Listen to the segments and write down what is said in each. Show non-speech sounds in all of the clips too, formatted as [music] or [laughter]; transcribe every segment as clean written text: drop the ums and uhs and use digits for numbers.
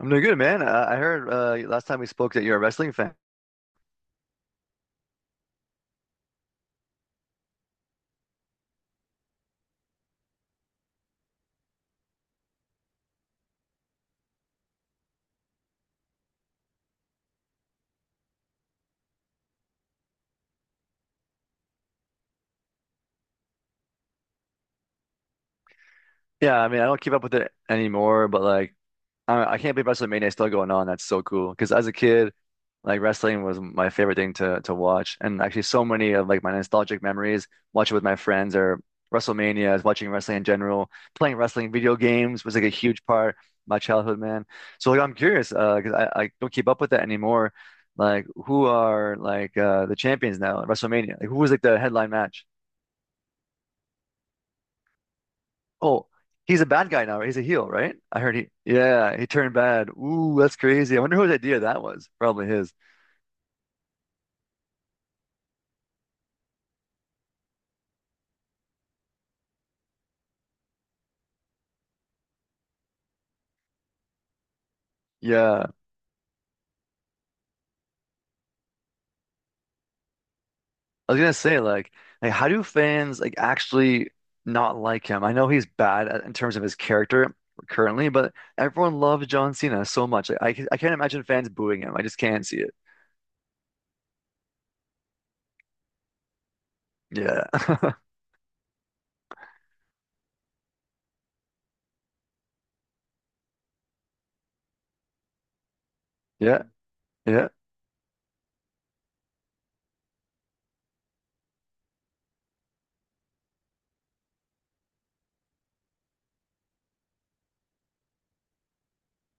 I'm doing good, man. I heard last time we spoke that you're a wrestling fan. Yeah, I mean, I don't keep up with it anymore, but like, I can't believe WrestleMania is still going on. That's so cool. Because as a kid, like wrestling was my favorite thing to watch, and actually, so many of like my nostalgic memories watching with my friends or WrestleMania, is watching wrestling in general, playing wrestling video games was like a huge part of my childhood, man. So like, I'm curious because I don't keep up with that anymore. Like, who are like the champions now at WrestleMania? Like, who was like the headline match? Oh, he's a bad guy now, right? He's a heel, right? I heard he, yeah, he turned bad. Ooh, that's crazy. I wonder whose idea that was. Probably his. Yeah. I was gonna say, like, how do fans like actually not like him? I know he's bad, in terms of his character currently, but everyone loves John Cena so much. Like, I can't imagine fans booing him. I just can't see it. Yeah. [laughs] Yeah. Yeah.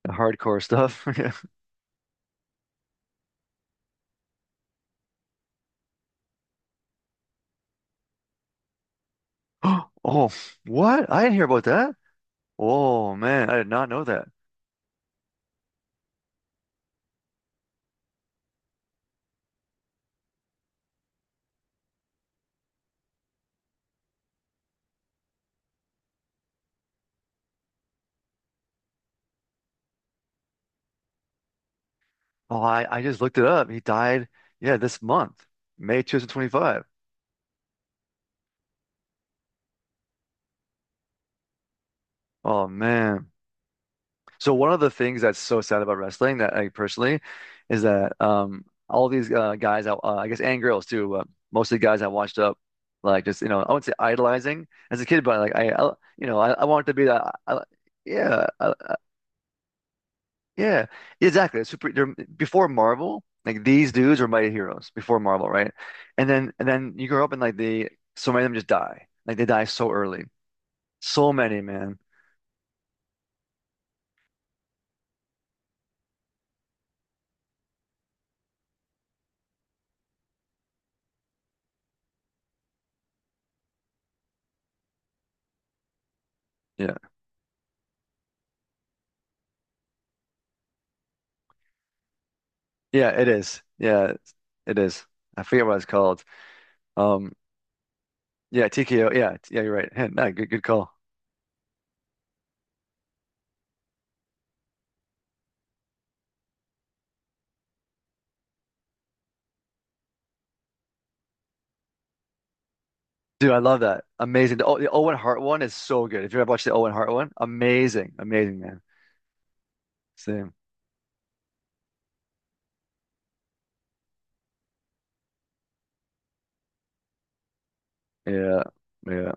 Hardcore stuff. [laughs] Yeah. [gasps] Oh, what? I didn't hear about that. Oh man, I did not know. Oh, I just looked it up. He died, yeah, this month, May 2025. Oh man. So one of the things that's so sad about wrestling that I personally is that all these guys I guess and girls too, mostly guys I watched up like just you know I wouldn't say idolizing as a kid, but like I I wanted to be that Yeah. Yeah, exactly. Super, they're, before Marvel, like these dudes were mighty heroes before Marvel, right? And then you grow up and like they so many of them just die. Like they die so early. So many, man. Yeah. Yeah, it is. Yeah, it is. I forget what it's called. Um, yeah, TKO. Yeah, yeah, you're right. Heh, nah, good, good call. Dude, I love that. Amazing. Oh, the Owen Hart one is so good. If you ever watched the Owen Hart one, amazing, amazing, man. Same. Yeah, yeah.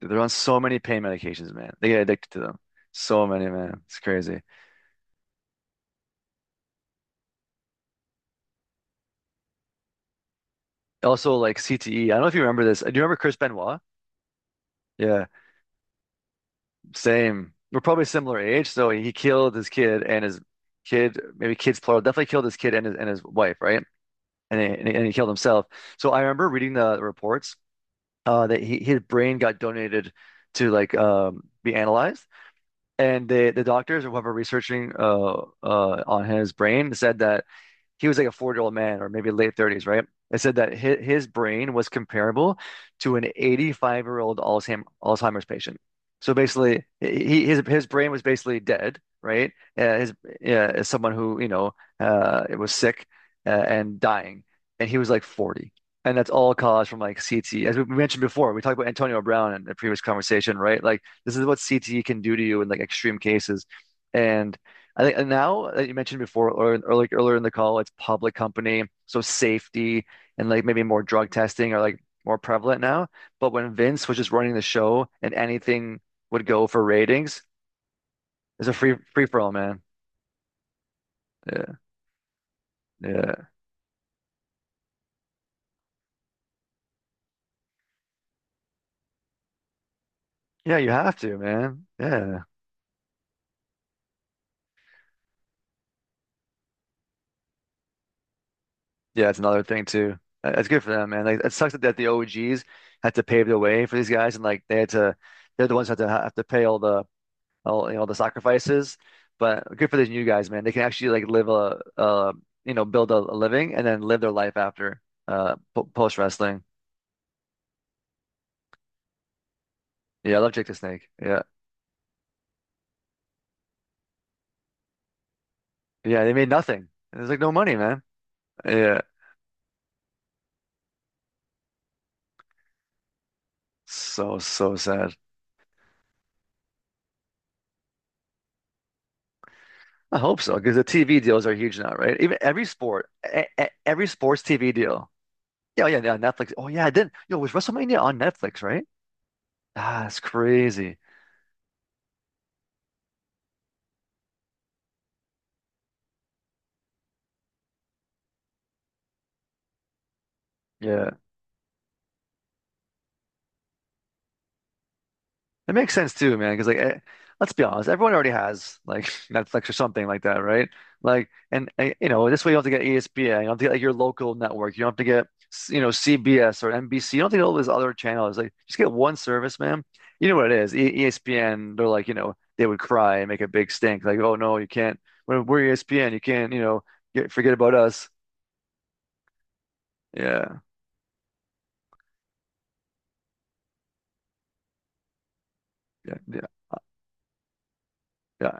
They're on so many pain medications, man. They get addicted to them. So many, man. It's crazy. Also, like CTE. I don't know if you remember this. Do you remember Chris Benoit? Yeah, same. We're probably similar age. So he killed his kid and his kid, maybe kids plural, definitely killed his kid and his wife, right? And he killed himself. So I remember reading the reports that he, his brain got donated to like be analyzed, and they, the doctors or whoever researching on his brain said that he was like a 40-year-old man or maybe late 30s, right? It said that his brain was comparable to an 85-year-old Alzheimer's patient. So basically, he his brain was basically dead, right? His uh, as someone who, was sick and dying, and he was like 40. And that's all caused from like CTE. As we mentioned before, we talked about Antonio Brown in the previous conversation, right? Like this is what CTE can do to you in like extreme cases. And I think now that you mentioned before, or like earlier in the call, it's public company, so safety and like maybe more drug testing are like more prevalent now. But when Vince was just running the show and anything would go for ratings, it's a free free for all, man. Yeah, yeah, yeah. You have to, man. Yeah, yeah. It's another thing too. It's good for them, man. Like it sucks that the OGs had to pave the way for these guys, and like they're the ones that had to have to pay all the sacrifices. But good for these new guys, man. They can actually like live a you know build a living and then live their life after po post wrestling. Yeah, I love Jake the Snake. Yeah, yeah. They made nothing. There's like no money, man. Yeah, so sad. I hope so because the TV deals are huge now, right? Even every sport, every sports TV deal. Yeah, oh yeah, yeah. Netflix. Oh yeah, I did. Yo, was WrestleMania on Netflix, right? Ah, it's crazy. Yeah. It makes sense too, man. Because like, let's be honest, everyone already has like [laughs] Netflix or something like that, right? Like, and this way you don't have to get ESPN, you don't have to get like your local network, you don't have to get CBS or NBC, you don't have to get all these other channels. Like, just get one service, man. You know what it is? E ESPN, they're like, they would cry and make a big stink, like, oh no, you can't. We're ESPN, you can't, forget about us. Yeah, yeah, yeah, yeah.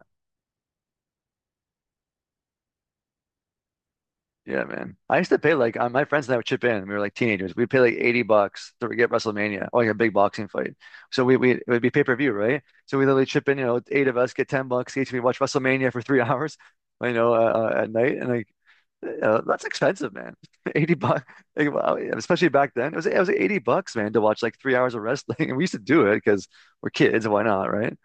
Yeah, man. I used to pay like my friends and I would chip in. We were like teenagers. We'd pay like $80 to get WrestleMania, or like a big boxing fight. So we it would be pay-per-view, right? So we literally chip in, eight of us get $10 each. We watch WrestleMania for 3 [laughs] hours, at night. And like that's expensive, man. [laughs] $80. Like, wow, yeah, especially back then. It was like $80, man, to watch like 3 hours of wrestling. [laughs] And we used to do it because we're kids, why not, right?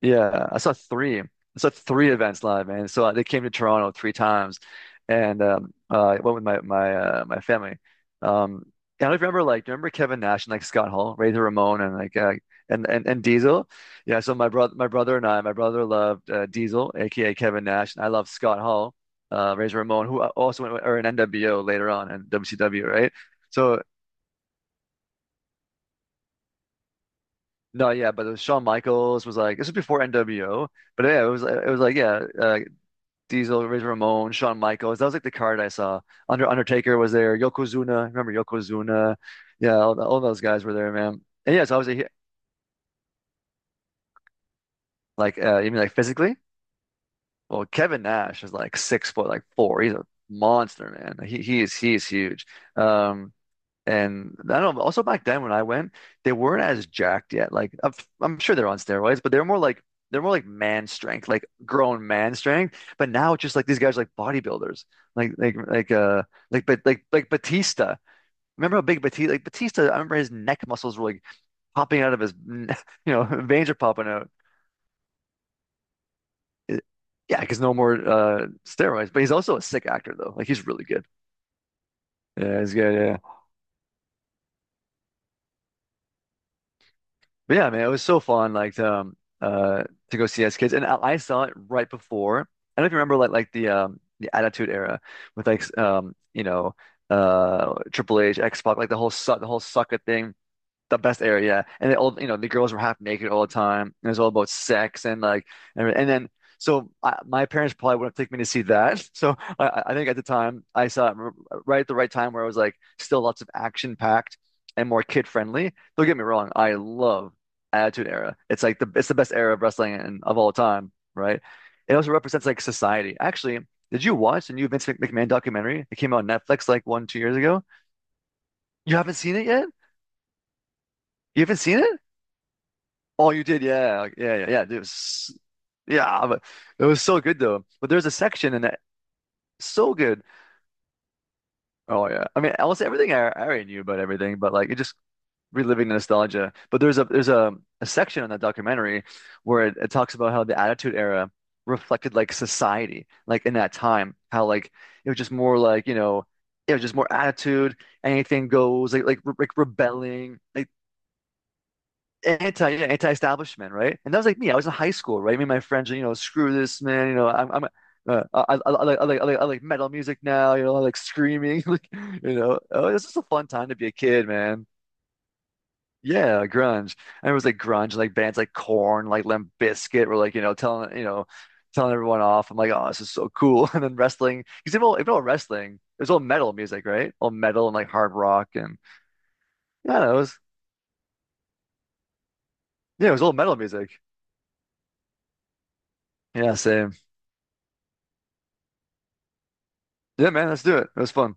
Yeah, I saw three. I saw three events live, man. So they came to Toronto three times, and I went with my family. Um, and I don't remember like, do you remember Kevin Nash and like Scott Hall, Razor Ramon, and like and Diesel? Yeah. So my brother loved Diesel, aka Kevin Nash, and I loved Scott Hall, Razor Ramon, who also went with, or an NWO later on and WCW, right? So no, yeah, but it was Shawn Michaels, was like this was before NWO. But yeah, it was like yeah, Diesel, Razor Ramon, Shawn Michaels. That was like the card I saw. Undertaker was there. Yokozuna, remember Yokozuna? Yeah, all those guys were there, man. And yeah, like, you mean like physically? Well, Kevin Nash is like 6 foot, like four. He's a monster, man. He is huge. Um, And I don't know, also back then when I went, they weren't as jacked yet. Like I'm sure they're on steroids, but they're more like man strength, like grown man strength. But now it's just like these guys are like bodybuilders. Like like like uh but like Batista. Remember how big Batista, I remember his neck muscles were like popping out of his [laughs] veins are popping out. It- yeah, because no more steroids. But he's also a sick actor though. Like he's really good. Yeah, he's good. Yeah. But yeah, man, it was so fun, like to go see as kids, and I saw it right before. I don't know if you remember, like the Attitude Era with like Triple H, X-Pac, like the whole sucker thing, the best era, yeah. And they all, the girls were half naked all the time. And it was all about sex and like, and then, so my parents probably wouldn't take me to see that. [laughs] So I think at the time I saw it right at the right time where it was like still lots of action packed and more kid friendly. Don't get me wrong, I love Attitude Era. It's like the best era of wrestling and of all time, right? It also represents like society. Actually, did you watch the new Vince McMahon documentary? It came out on Netflix like one, 2 years ago. You haven't seen it yet? You haven't seen it? Oh, you did, yeah, like, yeah, yeah, yeah. It was, yeah, but it was so good though. But there's a section in that. So good. Oh yeah, I mean, almost everything I already knew about everything, but like it just reliving the nostalgia. But there's a section in that documentary where it talks about how the Attitude Era reflected like society, like in that time, how like it was just more like it was just more attitude, anything goes, like re like rebelling, like anti yeah, anti-establishment, right? And that was like me. I was in high school, right? Me and my friends, screw this, man. You know, I'm I I like metal music now. I like screaming, [laughs] like oh, it's just a fun time to be a kid, man. Yeah, grunge. And it was like grunge, like bands like Corn, like Limp Bizkit were like telling everyone off. I'm like, oh, this is so cool. [laughs] And then wrestling, because even all wrestling, it was all metal music, right? All metal and like hard rock and, yeah, it was all metal music. Yeah, same. Yeah, man, let's do it. It was fun.